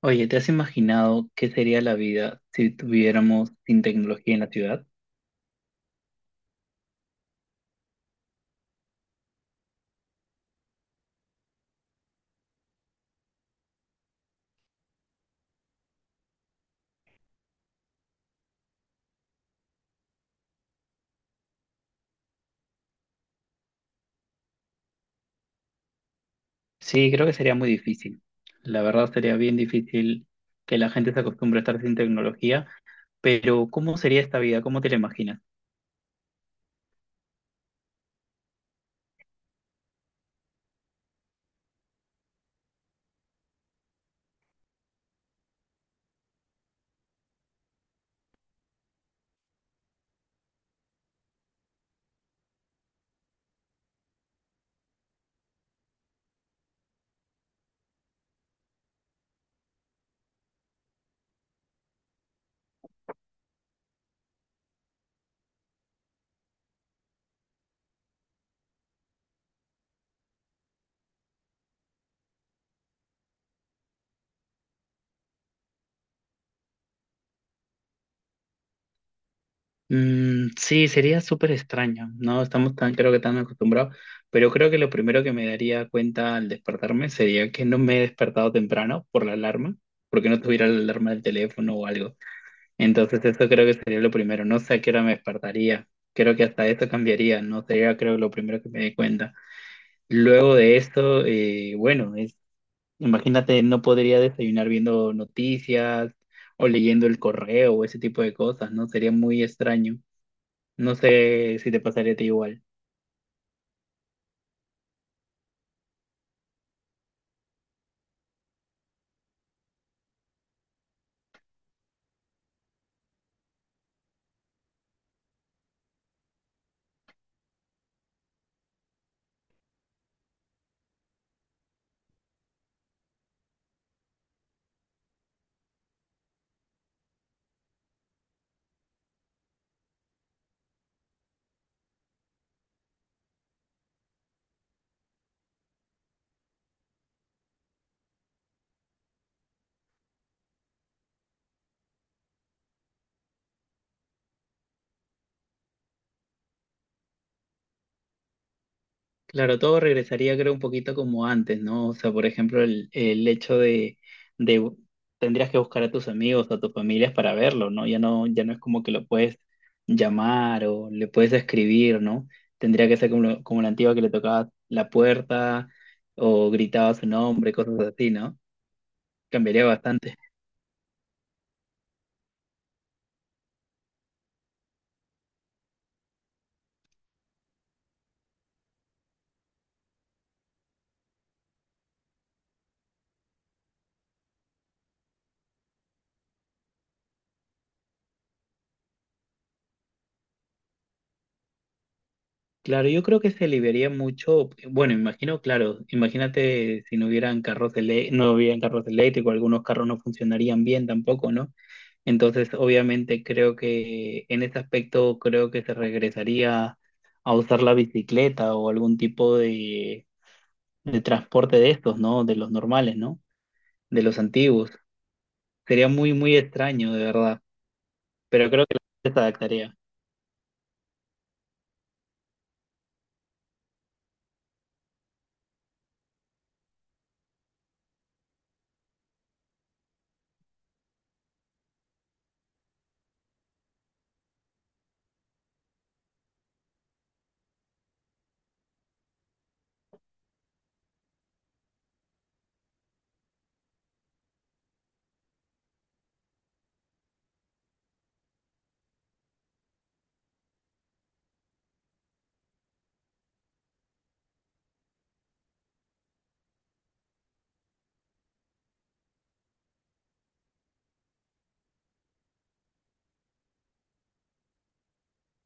Oye, ¿te has imaginado qué sería la vida si tuviéramos sin tecnología en la ciudad? Sí, creo que sería muy difícil. La verdad sería bien difícil que la gente se acostumbre a estar sin tecnología, pero ¿cómo sería esta vida? ¿Cómo te la imaginas? Mm, sí, sería súper extraño. No estamos tan, creo que tan acostumbrados, pero creo que lo primero que me daría cuenta al despertarme sería que no me he despertado temprano por la alarma, porque no tuviera la alarma del teléfono o algo. Entonces eso creo que sería lo primero. No sé a qué hora me despertaría. Creo que hasta eso cambiaría. No sería, creo, lo primero que me di cuenta. Luego de eso, bueno, es, imagínate, no podría desayunar viendo noticias o leyendo el correo o ese tipo de cosas, ¿no? Sería muy extraño. No sé si te pasaría a ti igual. Claro, todo regresaría creo un poquito como antes, ¿no? O sea, por ejemplo, el hecho de, de bu- tendrías que buscar a tus amigos, a tus familias para verlo, ¿no? Ya no, ya no es como que lo puedes llamar o le puedes escribir, ¿no? Tendría que ser como, como la antigua que le tocabas la puerta o gritaba su nombre, cosas así, ¿no? Cambiaría bastante. Claro, yo creo que se aliviaría mucho, bueno, imagino, claro, imagínate si no hubieran no hubieran carros eléctricos, algunos carros no funcionarían bien tampoco, ¿no? Entonces, obviamente, creo que en ese aspecto creo que se regresaría a usar la bicicleta o algún tipo de transporte de estos, ¿no? De los normales, ¿no? De los antiguos. Sería muy, muy extraño, de verdad. Pero creo que la gente se adaptaría.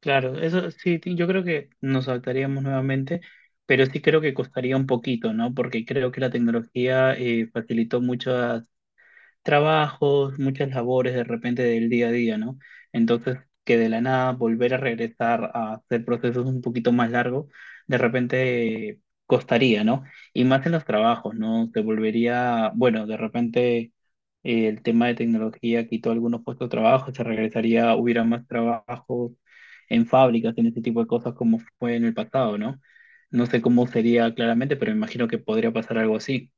Claro, eso sí, yo creo que nos adaptaríamos nuevamente, pero sí creo que costaría un poquito, ¿no? Porque creo que la tecnología facilitó muchas trabajos, muchas labores de repente del día a día, ¿no? Entonces, que de la nada volver a regresar a hacer procesos un poquito más largos, de repente costaría, ¿no? Y más en los trabajos, ¿no? Se volvería, bueno, de repente el tema de tecnología quitó algunos puestos de trabajo, se regresaría, hubiera más trabajos en fábricas, en ese tipo de cosas como fue en el pasado, ¿no? No sé cómo sería claramente, pero me imagino que podría pasar algo así.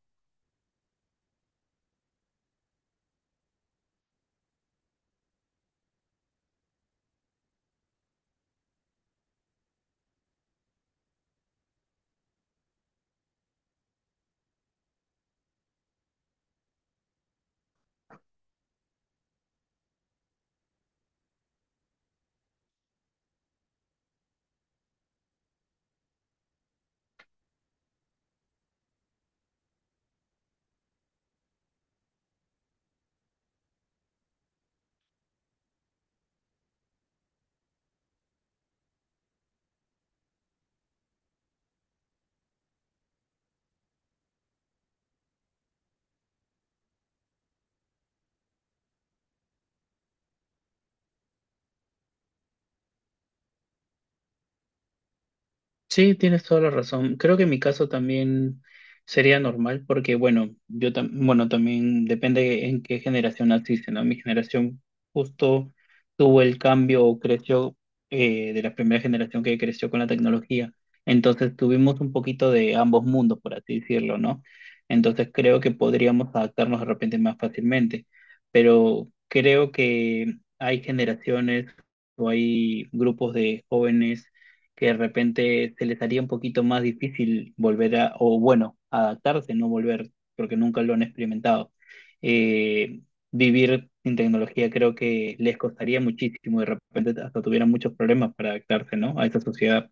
Sí, tienes toda la razón. Creo que en mi caso también sería normal porque, bueno, bueno, también depende en qué generación naciste, ¿no? Mi generación justo tuvo el cambio o creció de la primera generación que creció con la tecnología. Entonces tuvimos un poquito de ambos mundos, por así decirlo, ¿no? Entonces creo que podríamos adaptarnos de repente más fácilmente, pero creo que hay generaciones o hay grupos de jóvenes que de repente se les haría un poquito más difícil volver a, o bueno, adaptarse, no volver, porque nunca lo han experimentado. Eh, vivir sin tecnología creo que les costaría muchísimo, de repente hasta tuvieran muchos problemas para adaptarse, ¿no? A esa sociedad.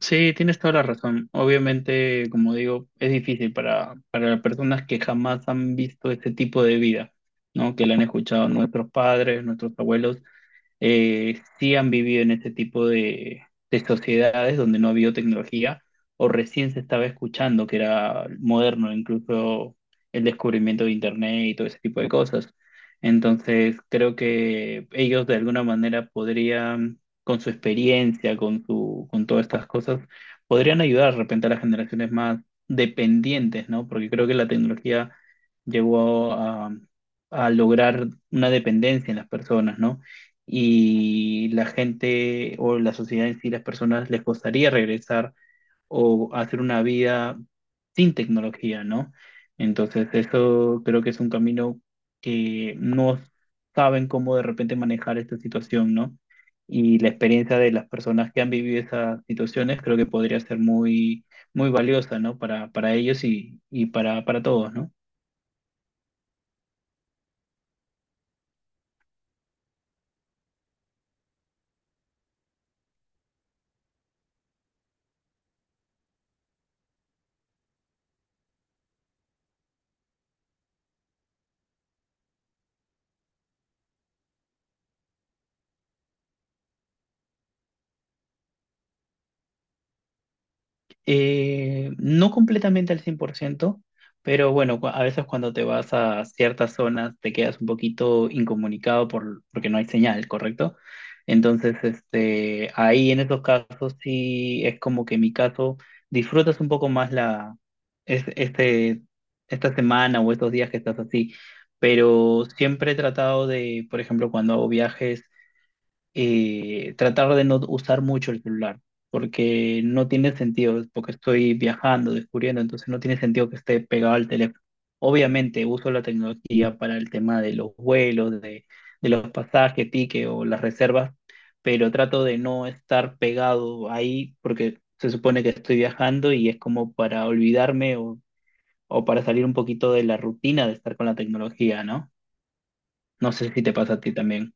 Sí, tienes toda la razón. Obviamente, como digo, es difícil para las personas que jamás han visto este tipo de vida, ¿no? Que la han escuchado nuestros padres, nuestros abuelos, sí han vivido en este tipo de sociedades donde no ha habido tecnología o recién se estaba escuchando que era moderno incluso el descubrimiento de Internet y todo ese tipo de cosas. Entonces, creo que ellos de alguna manera podrían, con su experiencia, con su, con todas estas cosas, podrían ayudar de repente a las generaciones más dependientes, ¿no? Porque creo que la tecnología llegó a lograr una dependencia en las personas, ¿no? Y la gente o la sociedad en sí, las personas les costaría regresar o hacer una vida sin tecnología, ¿no? Entonces, eso creo que es un camino que no saben cómo de repente manejar esta situación, ¿no? Y la experiencia de las personas que han vivido esas situaciones creo que podría ser muy, muy valiosa, ¿no? Para ellos y para todos, ¿no? No completamente al 100%, pero bueno, a veces cuando te vas a ciertas zonas te quedas un poquito incomunicado por, porque no hay señal, ¿correcto? Entonces, este, ahí en esos casos sí es como que en mi caso disfrutas un poco más la, este, esta semana o estos días que estás así, pero siempre he tratado de, por ejemplo, cuando hago viajes, tratar de no usar mucho el celular, porque no tiene sentido, porque estoy viajando, descubriendo, entonces no tiene sentido que esté pegado al teléfono. Obviamente uso la tecnología para el tema de los vuelos, de los pasajes, tickets o las reservas, pero trato de no estar pegado ahí porque se supone que estoy viajando y es como para olvidarme o para salir un poquito de la rutina de estar con la tecnología, ¿no? No sé si te pasa a ti también.